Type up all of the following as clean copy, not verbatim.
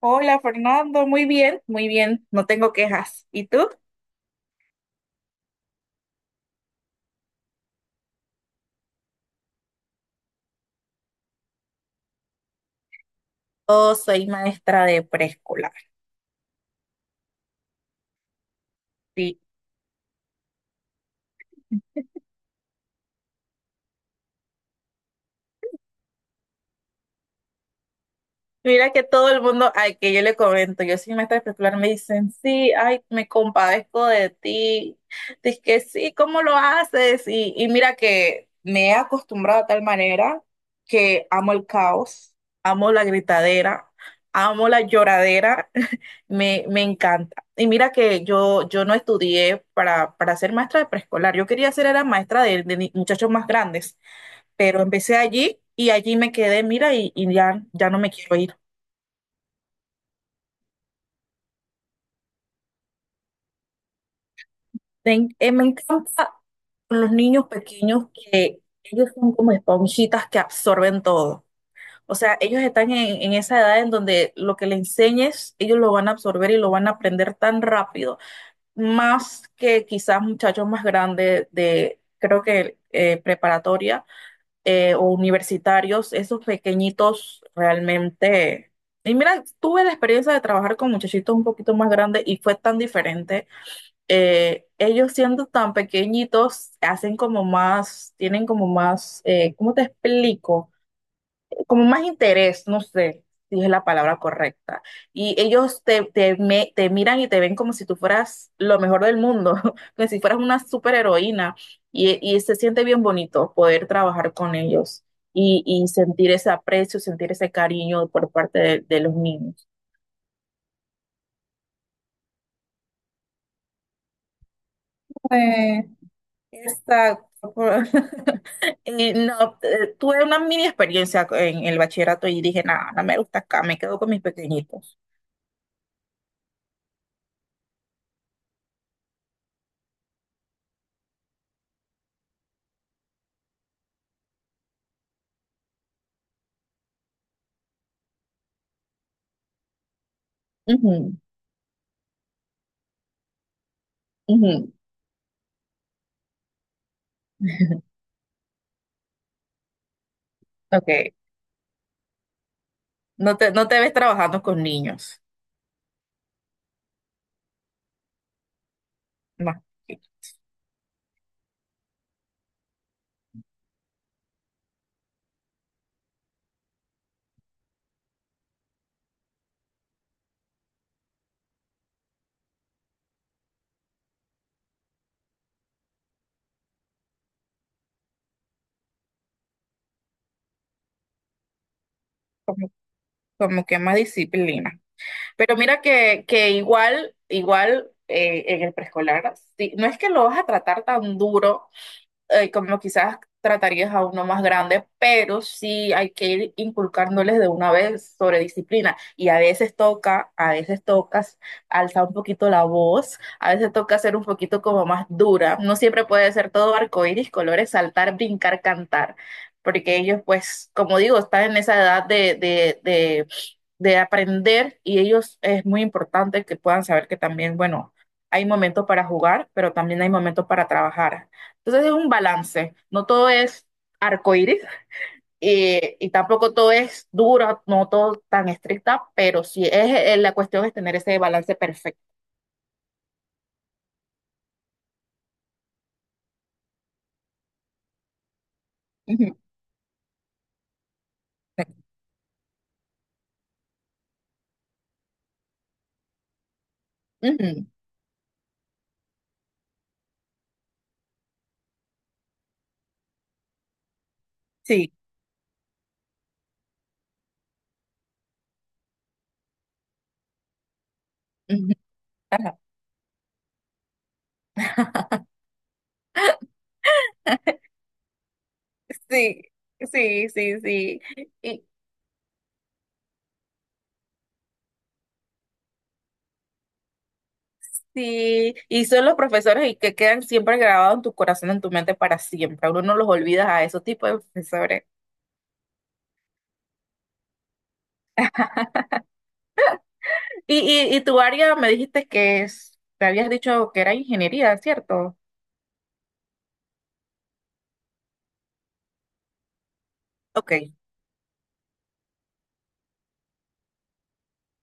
Hola Fernando, muy bien, no tengo quejas. ¿Y tú? Yo soy maestra de preescolar. Mira que todo el mundo al que yo le comento, yo soy maestra especular, me dicen, sí, ay, me compadezco de ti. Dice que sí, ¿cómo lo haces? Y mira que me he acostumbrado a tal manera que amo el caos, amo la gritadera, amo la lloradera, me encanta. Y mira que yo no estudié para ser maestra de preescolar, yo quería ser era maestra de muchachos más grandes, pero empecé allí y allí me quedé, mira, y ya no me quiero ir. Me encanta con los niños pequeños, que ellos son como esponjitas que absorben todo. O sea, ellos están en esa edad en donde lo que le enseñes, ellos lo van a absorber y lo van a aprender tan rápido, más que quizás muchachos más grandes de, creo que preparatoria o universitarios, esos pequeñitos realmente. Y mira, tuve la experiencia de trabajar con muchachitos un poquito más grandes y fue tan diferente. Eh, ellos siendo tan pequeñitos hacen como más, tienen como más, ¿cómo te explico? Como más interés, no sé si es la palabra correcta. Y ellos te, te, me- te miran y te ven como si tú fueras lo mejor del mundo, como si fueras una superheroína. Y se siente bien bonito poder trabajar con ellos y sentir ese aprecio, sentir ese cariño por parte de los niños. Exacto. No, tuve una mini experiencia en el bachillerato y dije, nada, no me gusta acá, me quedo con mis pequeñitos. Ujú, ujú. Ok, no te ves trabajando con niños, no, sí, como, como que más disciplina. Pero mira que igual, igual en el preescolar, sí, no es que lo vas a tratar tan duro, como quizás tratarías a uno más grande, pero sí hay que ir inculcándoles de una vez sobre disciplina. Y a veces toca, a veces tocas alzar un poquito la voz, a veces toca ser un poquito como más dura. No siempre puede ser todo arcoíris, colores, saltar, brincar, cantar. Porque ellos, pues, como digo, están en esa edad de aprender y ellos es muy importante que puedan saber que también, bueno, hay momentos para jugar, pero también hay momentos para trabajar. Entonces es un balance, no todo es arcoíris y tampoco todo es duro, no todo tan estricta, pero sí es la cuestión es tener ese balance perfecto. Ujú, ujú, sí. Ujú, ajá. Sí, sí, sí, sí. Y, Sí, y son los profesores y que quedan siempre grabados en tu corazón, en tu mente para siempre. Uno no los olvida a esos tipos de profesores. Y tu área me dijiste que es, te habías dicho que era ingeniería, ¿cierto? Ok.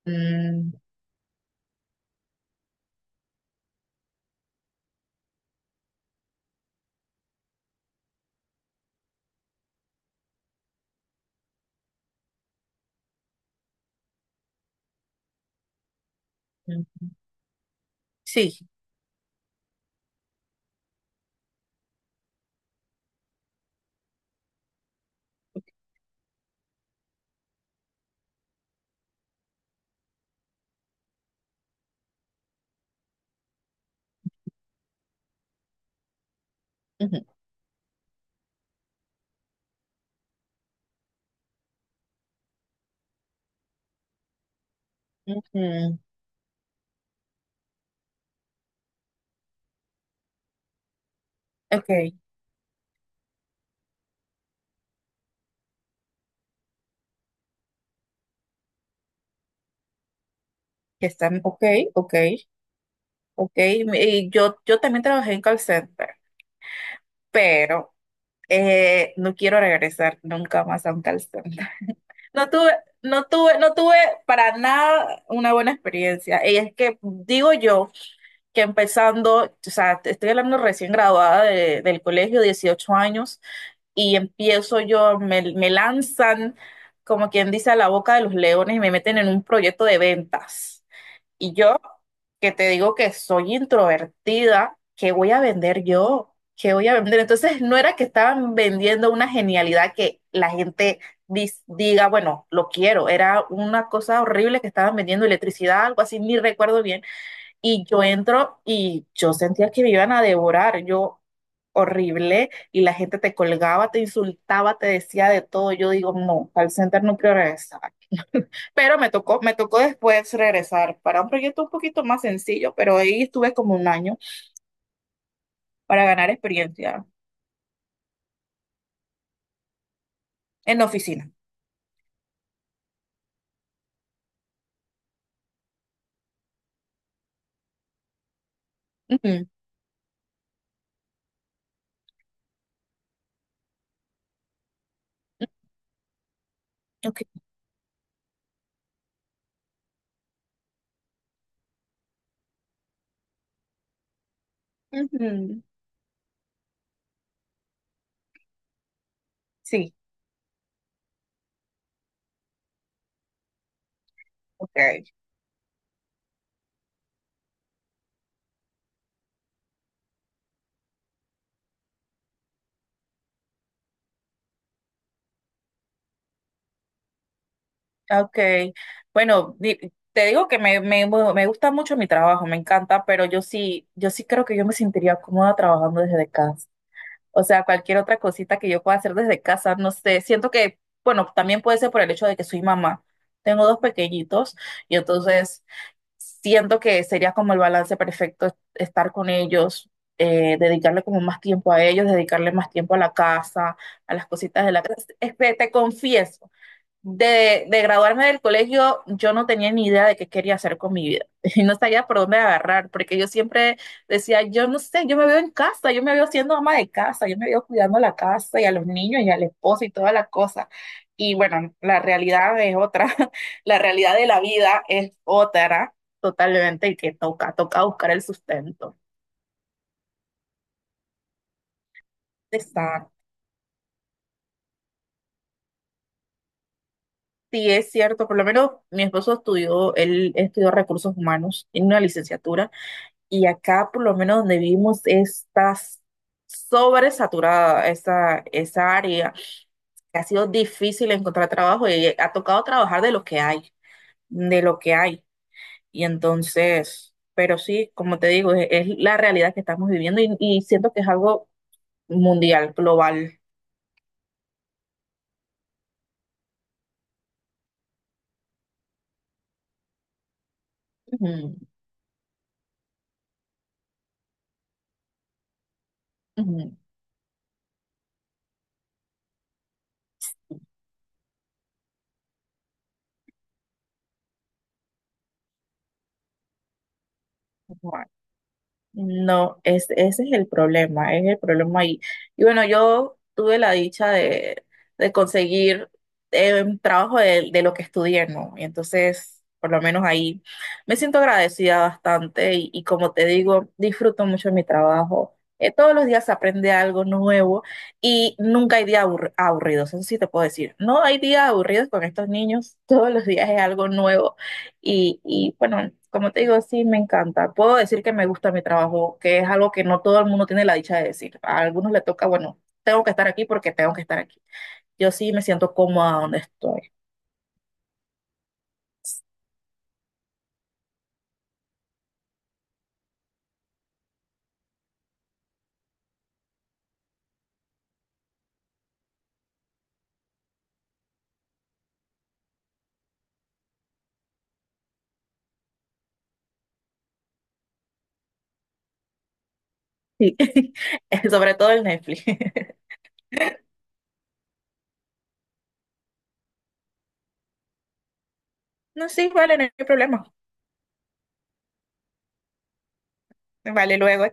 Mm, mm, sí. Ujú, ujú. Ok. Ok, ok, ok. Y yo también trabajé en call center, pero no quiero regresar nunca más a un call center. No tuve, no tuve para nada una buena experiencia. Y es que digo yo que empezando, o sea, te estoy hablando recién graduada del colegio, 18 años, y empiezo yo, me lanzan, como quien dice, a la boca de los leones y me meten en un proyecto de ventas. Y yo, que te digo que soy introvertida, ¿qué voy a vender yo? ¿Qué voy a vender? Entonces, no era que estaban vendiendo una genialidad que la gente diga, bueno, lo quiero. Era una cosa horrible que estaban vendiendo electricidad, algo así, ni recuerdo bien y yo entro y yo sentía que me iban a devorar, yo horrible, y la gente te colgaba, te insultaba, te decía de todo. Yo digo, no, al center no quiero regresar. Pero me tocó después regresar para un proyecto un poquito más sencillo, pero ahí estuve como un año para ganar experiencia en la oficina. Ujú, ok. Ujú, sí, ok. Ah, okay, bueno, te digo que bueno, me gusta mucho mi trabajo, me encanta, pero yo sí creo que yo me sentiría cómoda trabajando desde casa. O sea, cualquier otra cosita que yo pueda hacer desde casa, no sé, siento que, bueno, también puede ser por el hecho de que soy mamá. Tengo dos pequeñitos y entonces siento que sería como el balance perfecto estar con ellos, dedicarle como más tiempo a ellos, dedicarle más tiempo a la casa, a las cositas de la casa. Este, te confieso. De graduarme del colegio, yo no tenía ni idea de qué quería hacer con mi vida. Y no sabía por dónde agarrar, porque yo siempre decía, yo no sé, yo me veo en casa, yo me veo siendo ama de casa, yo me veo cuidando la casa y a los niños y al esposo y toda la cosa. Y bueno, la realidad es otra, la realidad de la vida es otra totalmente y que toca, toca buscar el sustento. Exacto. Sí, es cierto, por lo menos mi esposo estudió, él estudió recursos humanos, tiene una licenciatura. Y acá, por lo menos donde vivimos, está sobresaturada esa área. Ha sido difícil encontrar trabajo y ha tocado trabajar de lo que hay, de lo que hay. Y entonces, pero sí, como te digo, es la realidad que estamos viviendo y siento que es algo mundial, global. Ujú, ujú, ujú. No, es, ese es el problema ahí. Y bueno, yo tuve la dicha de conseguir un trabajo de lo que estudié, ¿no? Y entonces, por lo menos ahí, me siento agradecida bastante y como te digo, disfruto mucho mi trabajo. Todos los días se aprende algo nuevo y nunca hay días aburridos, eso sí te puedo decir. No hay días aburridos con estos niños, todos los días es algo nuevo y bueno, como te digo, sí me encanta. Puedo decir que me gusta mi trabajo, que es algo que no todo el mundo tiene la dicha de decir. A algunos le toca, bueno, tengo que estar aquí porque tengo que estar aquí. Yo sí me siento cómoda donde estoy. Sí, sobre todo el Netflix. No, sí, vale, no hay problema. Vale, luego.